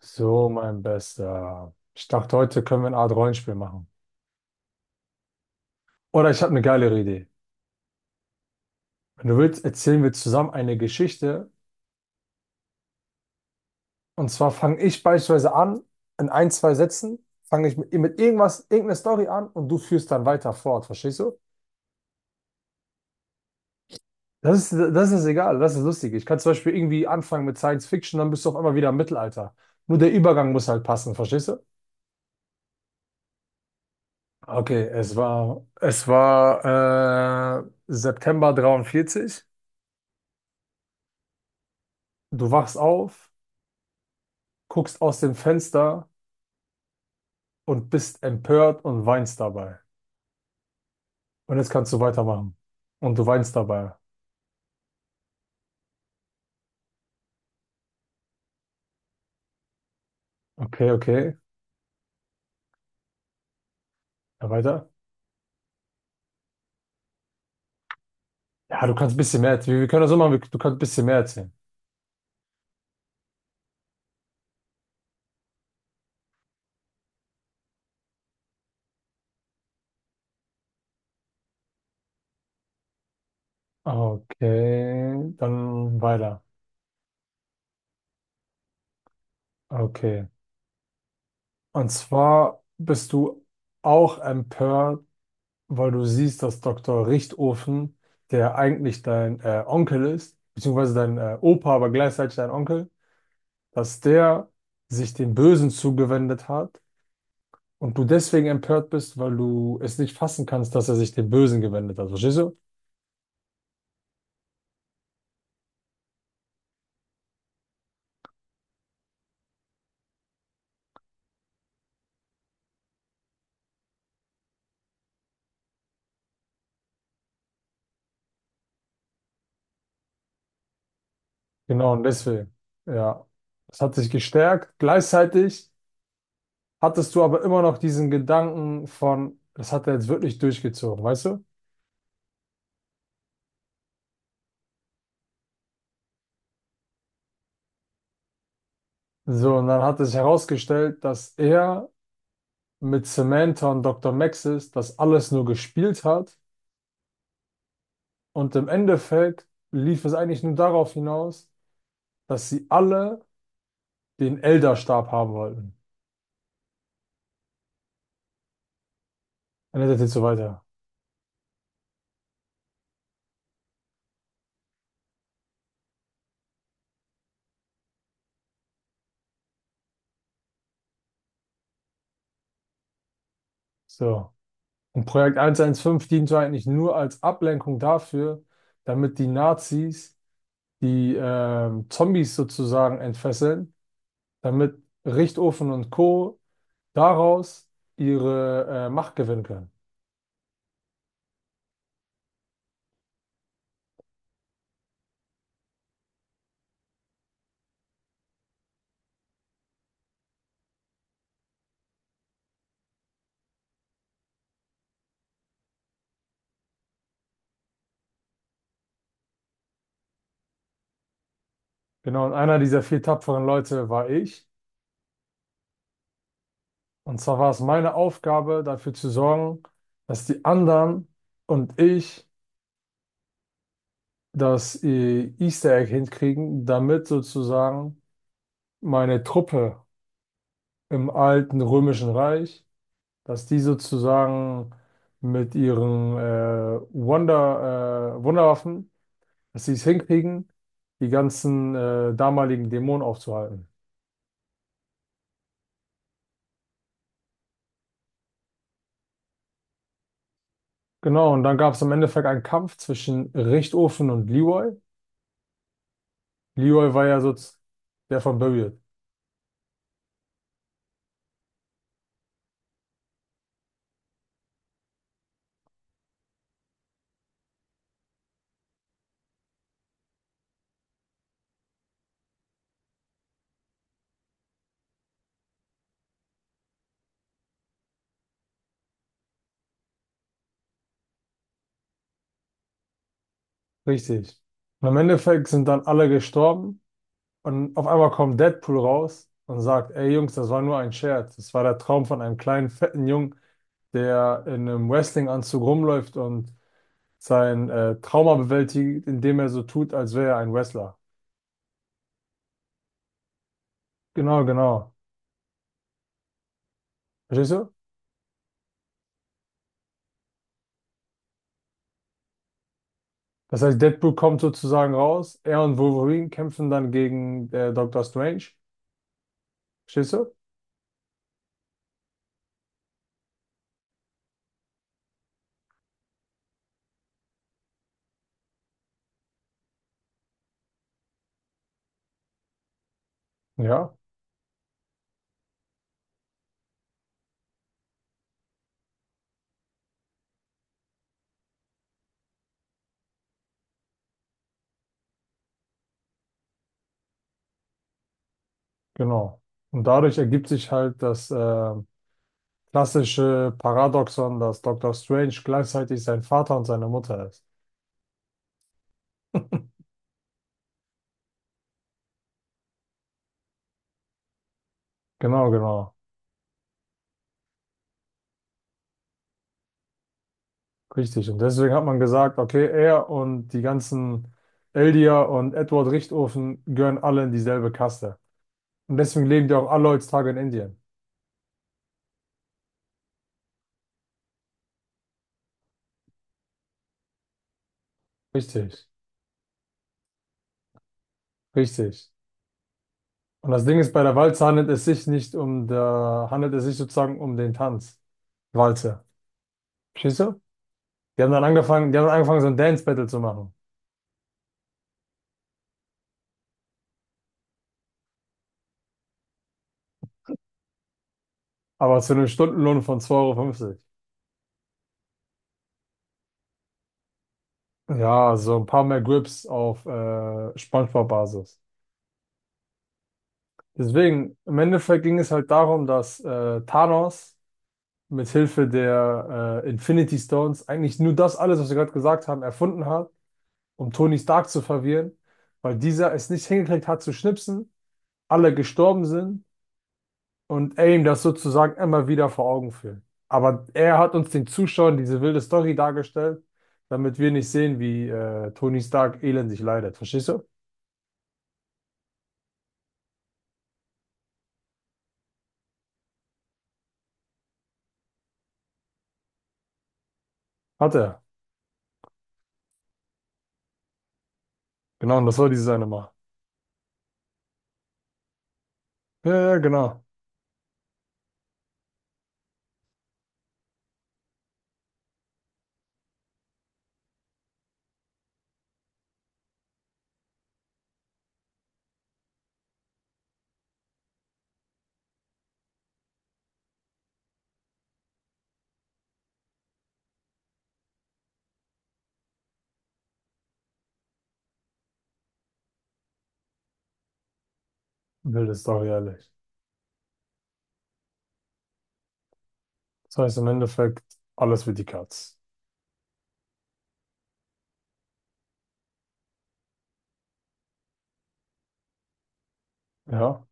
So, mein Bester. Ich dachte, heute können wir eine Art Rollenspiel machen. Oder ich habe eine geilere Idee. Wenn du willst, erzählen wir zusammen eine Geschichte. Und zwar fange ich beispielsweise an, in ein, zwei Sätzen, fange ich mit irgendwas, irgendeiner Story an und du führst dann weiter fort, verstehst du? Das ist egal, das ist lustig. Ich kann zum Beispiel irgendwie anfangen mit Science Fiction, dann bist du auf einmal wieder im Mittelalter. Nur der Übergang muss halt passen, verstehst du? Okay, es war September 43. Du wachst auf, guckst aus dem Fenster und bist empört und weinst dabei. Und jetzt kannst du weitermachen. Und du weinst dabei. Okay, okay. Ja, weiter. Ja, du kannst ein bisschen mehr erzählen. Wir können das so machen, wir- du kannst ein bisschen mehr erzählen. Okay, dann weiter. Okay. Und zwar bist du auch empört, weil du siehst, dass Dr. Richtofen, der eigentlich dein Onkel ist, beziehungsweise dein Opa, aber gleichzeitig dein Onkel, dass der sich dem Bösen zugewendet hat. Und du deswegen empört bist, weil du es nicht fassen kannst, dass er sich dem Bösen gewendet hat. Verstehst du? Genau, und deswegen. Ja. Es hat sich gestärkt. Gleichzeitig hattest du aber immer noch diesen Gedanken von, das hat er jetzt wirklich durchgezogen, weißt du? So, und dann hat es herausgestellt, dass er mit Samantha und Dr. Maxis das alles nur gespielt hat. Und im Endeffekt lief es eigentlich nur darauf hinaus, dass sie alle den Elderstab haben wollten. Und das jetzt so weiter. So. Und Projekt 115 diente eigentlich nur als Ablenkung dafür, damit die Nazis die Zombies sozusagen entfesseln, damit Richtofen und Co. daraus ihre Macht gewinnen können. Genau, und einer dieser vier tapferen Leute war ich. Und zwar war es meine Aufgabe, dafür zu sorgen, dass die anderen und ich das Easter Egg hinkriegen, damit sozusagen meine Truppe im alten Römischen Reich, dass die sozusagen mit ihren Wunderwaffen, dass sie es hinkriegen, die ganzen damaligen Dämonen aufzuhalten. Genau, und dann gab es im Endeffekt einen Kampf zwischen Richtofen und Leroy. Leroy war ja so z- Der von Buried. Richtig. Und im Endeffekt sind dann alle gestorben und auf einmal kommt Deadpool raus und sagt, ey Jungs, das war nur ein Scherz. Das war der Traum von einem kleinen, fetten Jungen, der in einem Wrestling-Anzug rumläuft und sein Trauma bewältigt, indem er so tut, als wäre er ein Wrestler. Genau, genau. Verstehst du? Das heißt, Deadpool kommt sozusagen raus, er und Wolverine kämpfen dann gegen Doctor Strange. Verstehst du? Ja, genau. Und dadurch ergibt sich halt das klassische Paradoxon, dass Doctor Strange gleichzeitig sein Vater und seine Mutter ist. Genau, genau. Richtig. Und deswegen hat man gesagt, okay, er und die ganzen Eldia und Edward Richtofen gehören alle in dieselbe Kaste. Und deswegen leben die auch alle heutzutage in Indien. Richtig, richtig. Und das Ding ist, bei der Walze handelt es sich nicht um der, handelt es sich sozusagen um den Tanz. Walze. Verstehst du? Die haben dann angefangen, so ein Dance-Battle zu machen. Aber zu einem Stundenlohn von zwei Euro fünfzig. Ja, so ein paar mehr Grips auf SpongeBob-Basis. Deswegen, im Endeffekt ging es halt darum, dass Thanos mit Hilfe der Infinity Stones eigentlich nur das alles, was wir gerade gesagt haben, erfunden hat, um Tony Stark zu verwirren, weil dieser es nicht hingekriegt hat zu schnipsen, alle gestorben sind und er ihm das sozusagen immer wieder vor Augen führt. Aber er hat uns den Zuschauern diese wilde Story dargestellt, damit wir nicht sehen, wie Tony Stark elendig leidet. Verstehst du? Hat er. Genau, und das war diese eine Mal. Ja, ja, genau. Wilde Story, ehrlich. Das heißt im Endeffekt, alles für die Katz. Ja.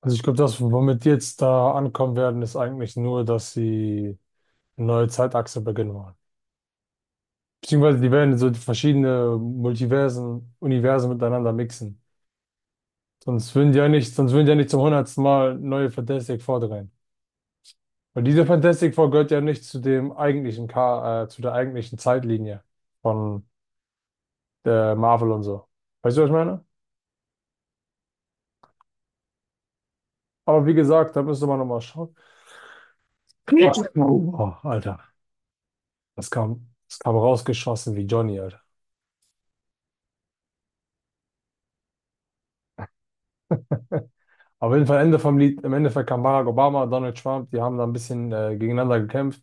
Also ich glaube, das, womit die jetzt da ankommen werden, ist eigentlich nur, dass sie eine neue Zeitachse beginnen wollen. Beziehungsweise die werden so verschiedene Multiversen, Universen miteinander mixen. Sonst würden die ja nicht zum hundertsten Mal neue Fantastic Four drehen. Weil diese Fantastic Four gehört ja nicht zu dem eigentlichen Ka zu der eigentlichen Zeitlinie von der Marvel und so. Weißt du, was ich meine? Aber wie gesagt, da müsste man nochmal schauen. Oh, Alter, das kam rausgeschossen wie Johnny, Alter. Auf jeden Fall Ende vom Lied, im Endeffekt kam Barack Obama, Donald Trump, die haben da ein bisschen gegeneinander gekämpft.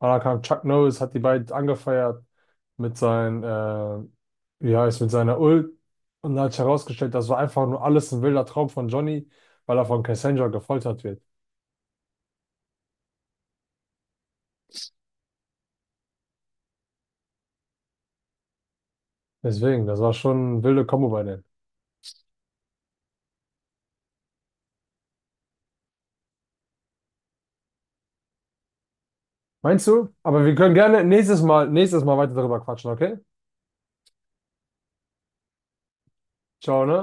Oder kam Chuck Norris, hat die beiden angefeuert mit seinen, mit seiner Ult, und hat sich herausgestellt, das war einfach nur alles ein wilder Traum von Johnny, weil er von Cassandra gefoltert wird. Deswegen, das war schon eine wilde Kombo bei denen. Meinst du? Aber wir können gerne nächstes Mal weiter darüber quatschen, okay? Ciao, ne?